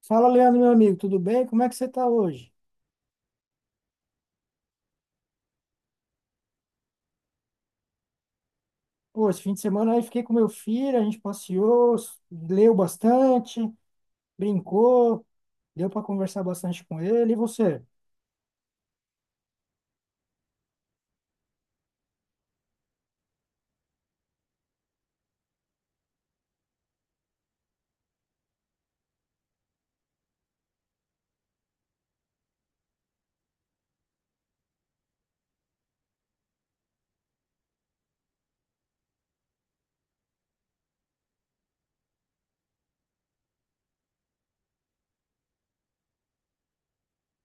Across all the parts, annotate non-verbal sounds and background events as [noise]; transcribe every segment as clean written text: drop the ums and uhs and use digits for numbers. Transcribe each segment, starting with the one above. Fala, Leandro, meu amigo, tudo bem? Como é que você está hoje? Pô, esse fim de semana aí fiquei com meu filho, a gente passeou, leu bastante, brincou, deu para conversar bastante com ele. E você?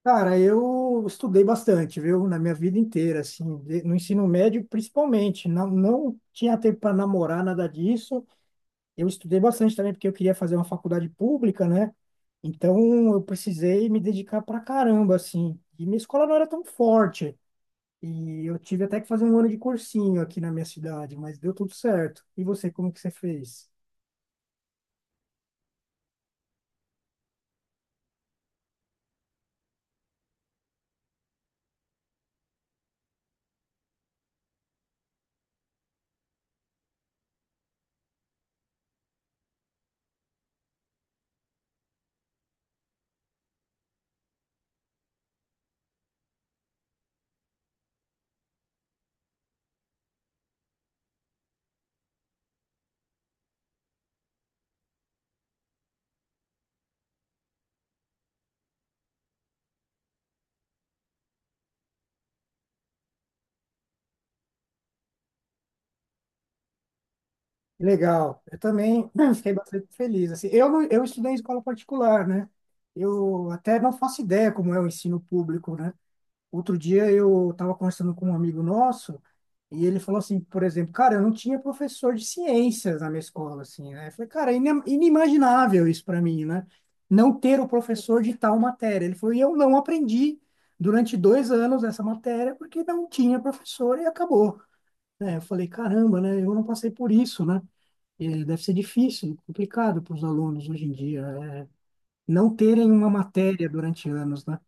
Cara, eu estudei bastante, viu? Na minha vida inteira, assim, no ensino médio principalmente. Não tinha tempo para namorar, nada disso. Eu estudei bastante também porque eu queria fazer uma faculdade pública, né? Então eu precisei me dedicar pra caramba, assim. E minha escola não era tão forte. E eu tive até que fazer um ano de cursinho aqui na minha cidade, mas deu tudo certo. E você, como que você fez? Legal. Eu também [clears throat] fiquei bastante feliz. Assim, eu, não- eu estudei em escola particular, né? Eu até não faço ideia como é o ensino público, né? Outro dia eu estava conversando com um amigo nosso e ele falou assim, por exemplo, cara, eu não tinha professor de ciências na minha escola, assim, né? Eu falei, cara, é inimaginável isso para mim, né? Não ter o professor de tal matéria. Ele falou, e eu não aprendi durante dois anos essa matéria porque não tinha professor e acabou, né? Eu falei, caramba, né? Eu não passei por isso, né? E deve ser difícil, complicado para os alunos hoje em dia, é, não terem uma matéria durante anos, né?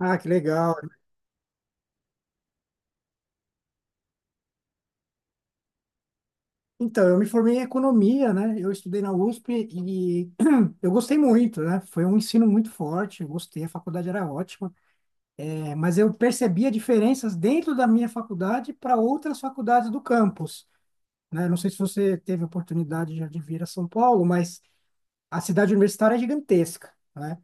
Ah, que legal. Então, eu me formei em economia, né? Eu estudei na USP e [clears throat] eu gostei muito, né? Foi um ensino muito forte, eu gostei, a faculdade era ótima. É, mas eu percebia diferenças dentro da minha faculdade para outras faculdades do campus, né? Não sei se você teve oportunidade já de vir a São Paulo, mas a cidade universitária é gigantesca, né?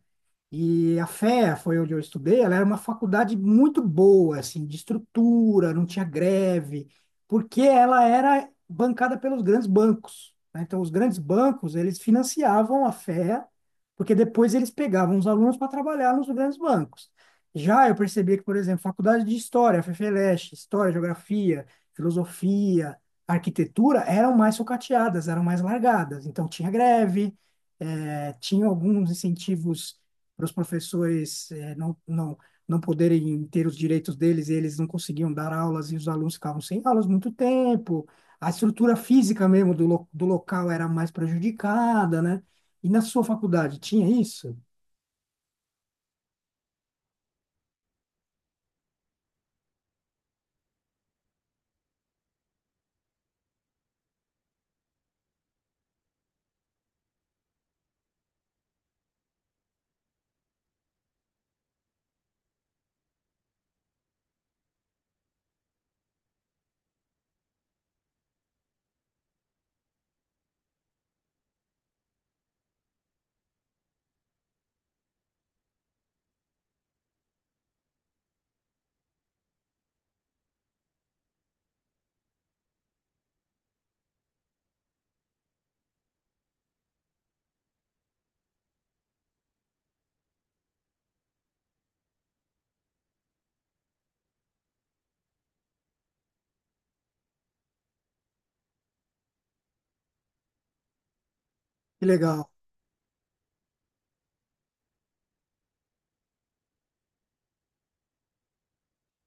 E a FEA foi onde eu estudei, ela era uma faculdade muito boa, assim, de estrutura, não tinha greve, porque ela era bancada pelos grandes bancos, né? Então, os grandes bancos, eles financiavam a FEA, porque depois eles pegavam os alunos para trabalhar nos grandes bancos. Já eu percebi que, por exemplo, faculdade de História, FFLeste, História, Geografia, Filosofia, Arquitetura, eram mais sucateadas, eram mais largadas. Então, tinha greve, tinha alguns incentivos para os professores não poderem ter os direitos deles e eles não conseguiam dar aulas e os alunos ficavam sem aulas muito tempo. A estrutura física mesmo do local era mais prejudicada, né? E na sua faculdade tinha isso? Que legal.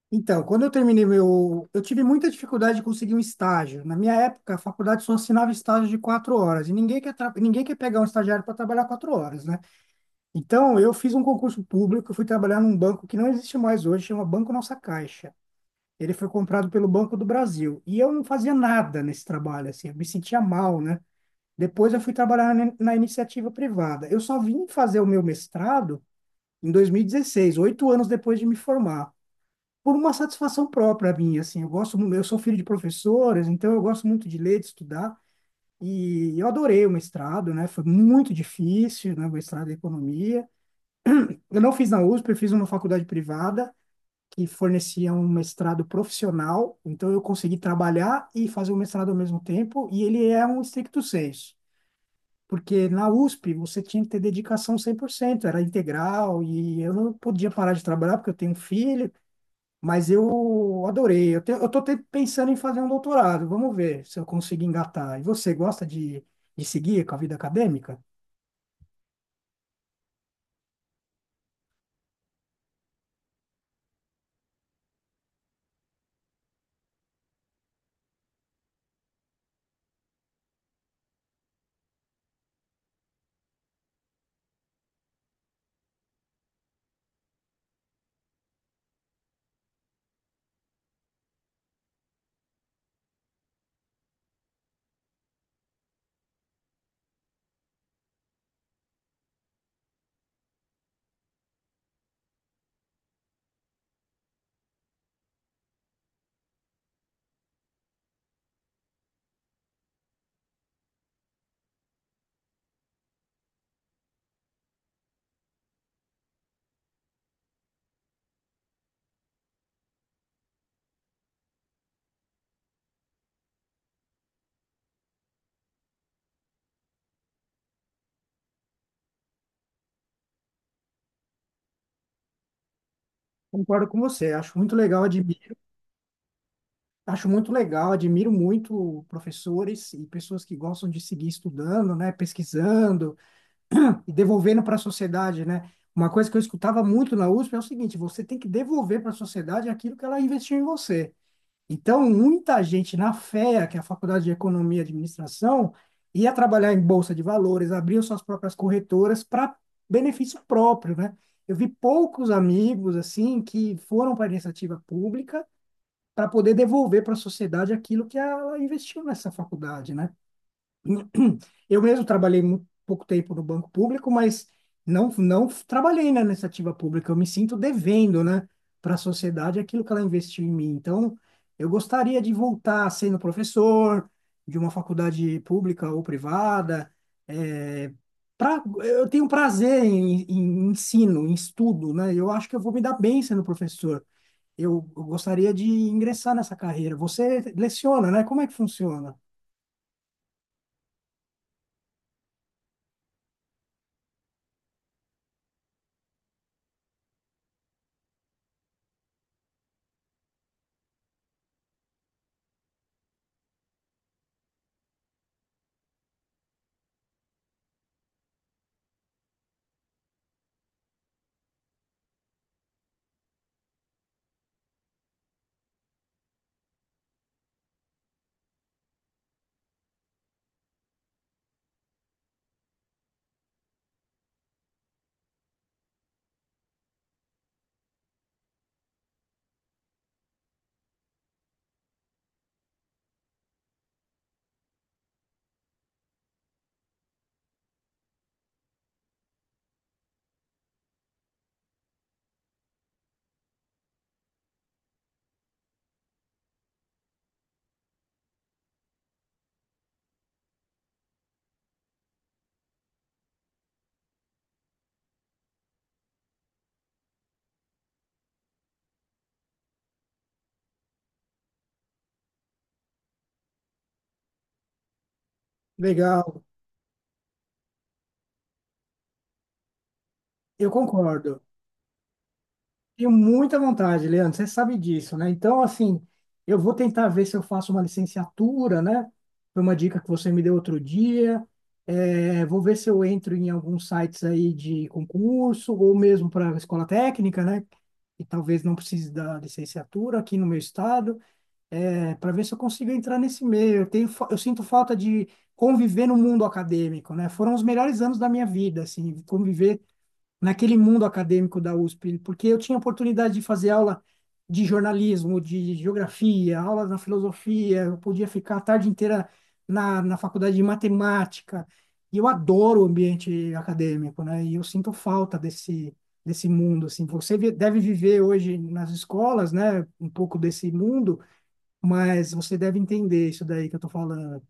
Então, quando eu terminei meu. Eu tive muita dificuldade de conseguir um estágio. Na minha época, a faculdade só assinava estágio de 4 horas. E ninguém quer pegar um estagiário para trabalhar 4 horas, né? Então, eu fiz um concurso público, eu fui trabalhar num banco que não existe mais hoje, chama Banco Nossa Caixa. Ele foi comprado pelo Banco do Brasil. E eu não fazia nada nesse trabalho, assim, eu me sentia mal, né? Depois eu fui trabalhar na iniciativa privada. Eu só vim fazer o meu mestrado em 2016, 8 anos depois de me formar, por uma satisfação própria minha, assim. Eu gosto, eu sou filho de professores, então eu gosto muito de ler, de estudar. E eu adorei o mestrado, né? Foi muito difícil, né? O mestrado em economia. Eu não fiz na USP, eu fiz uma faculdade privada que forneciam um mestrado profissional, então eu consegui trabalhar e fazer o mestrado ao mesmo tempo, e ele é um stricto sensu, porque na USP você tinha que ter dedicação 100%, era integral, e eu não podia parar de trabalhar porque eu tenho um filho, mas eu adorei. Eu, te, eu tô te- Pensando em fazer um doutorado, vamos ver se eu consigo engatar. E você gosta de seguir com a vida acadêmica? Concordo com você, acho muito legal, admiro. Acho muito legal, admiro muito professores e pessoas que gostam de seguir estudando, né, pesquisando e devolvendo para a sociedade, né? Uma coisa que eu escutava muito na USP é o seguinte, você tem que devolver para a sociedade aquilo que ela investiu em você. Então, muita gente na FEA, que é a Faculdade de Economia e Administração, ia trabalhar em bolsa de valores, abriu suas próprias corretoras para benefício próprio, né? Eu vi poucos amigos assim que foram para a iniciativa pública para poder devolver para a sociedade aquilo que ela investiu nessa faculdade, né? Eu mesmo trabalhei muito pouco tempo no banco público, mas não trabalhei, né, na iniciativa pública. Eu me sinto devendo, né, para a sociedade aquilo que ela investiu em mim. Então, eu gostaria de voltar sendo professor de uma faculdade pública ou privada. É, eu tenho prazer em ensino, em estudo, né? Eu acho que eu vou me dar bem sendo professor, eu gostaria de ingressar nessa carreira. Você leciona, né? Como é que funciona? Legal, eu concordo. Tenho muita vontade, Leandro, você sabe disso, né? Então, assim, eu vou tentar ver se eu faço uma licenciatura, né? Foi uma dica que você me deu outro dia. É, vou ver se eu entro em alguns sites aí de concurso, ou mesmo para a escola técnica, né? E talvez não precise da licenciatura aqui no meu estado, para ver se eu consigo entrar nesse meio. Eu sinto falta de conviver no mundo acadêmico, né? Foram os melhores anos da minha vida, assim, conviver naquele mundo acadêmico da USP, porque eu tinha oportunidade de fazer aula de jornalismo, de geografia, aula na filosofia, eu podia ficar a tarde inteira na faculdade de matemática. E eu adoro o ambiente acadêmico, né? E eu sinto falta desse mundo assim. Deve viver hoje nas escolas, né, um pouco desse mundo, mas você deve entender isso daí que eu tô falando.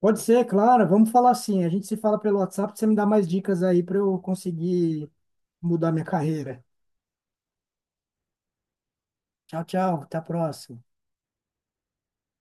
Pode ser, claro, vamos falar assim. A gente se fala pelo WhatsApp, você me dá mais dicas aí para eu conseguir mudar minha carreira. Tchau, tchau, até a próxima.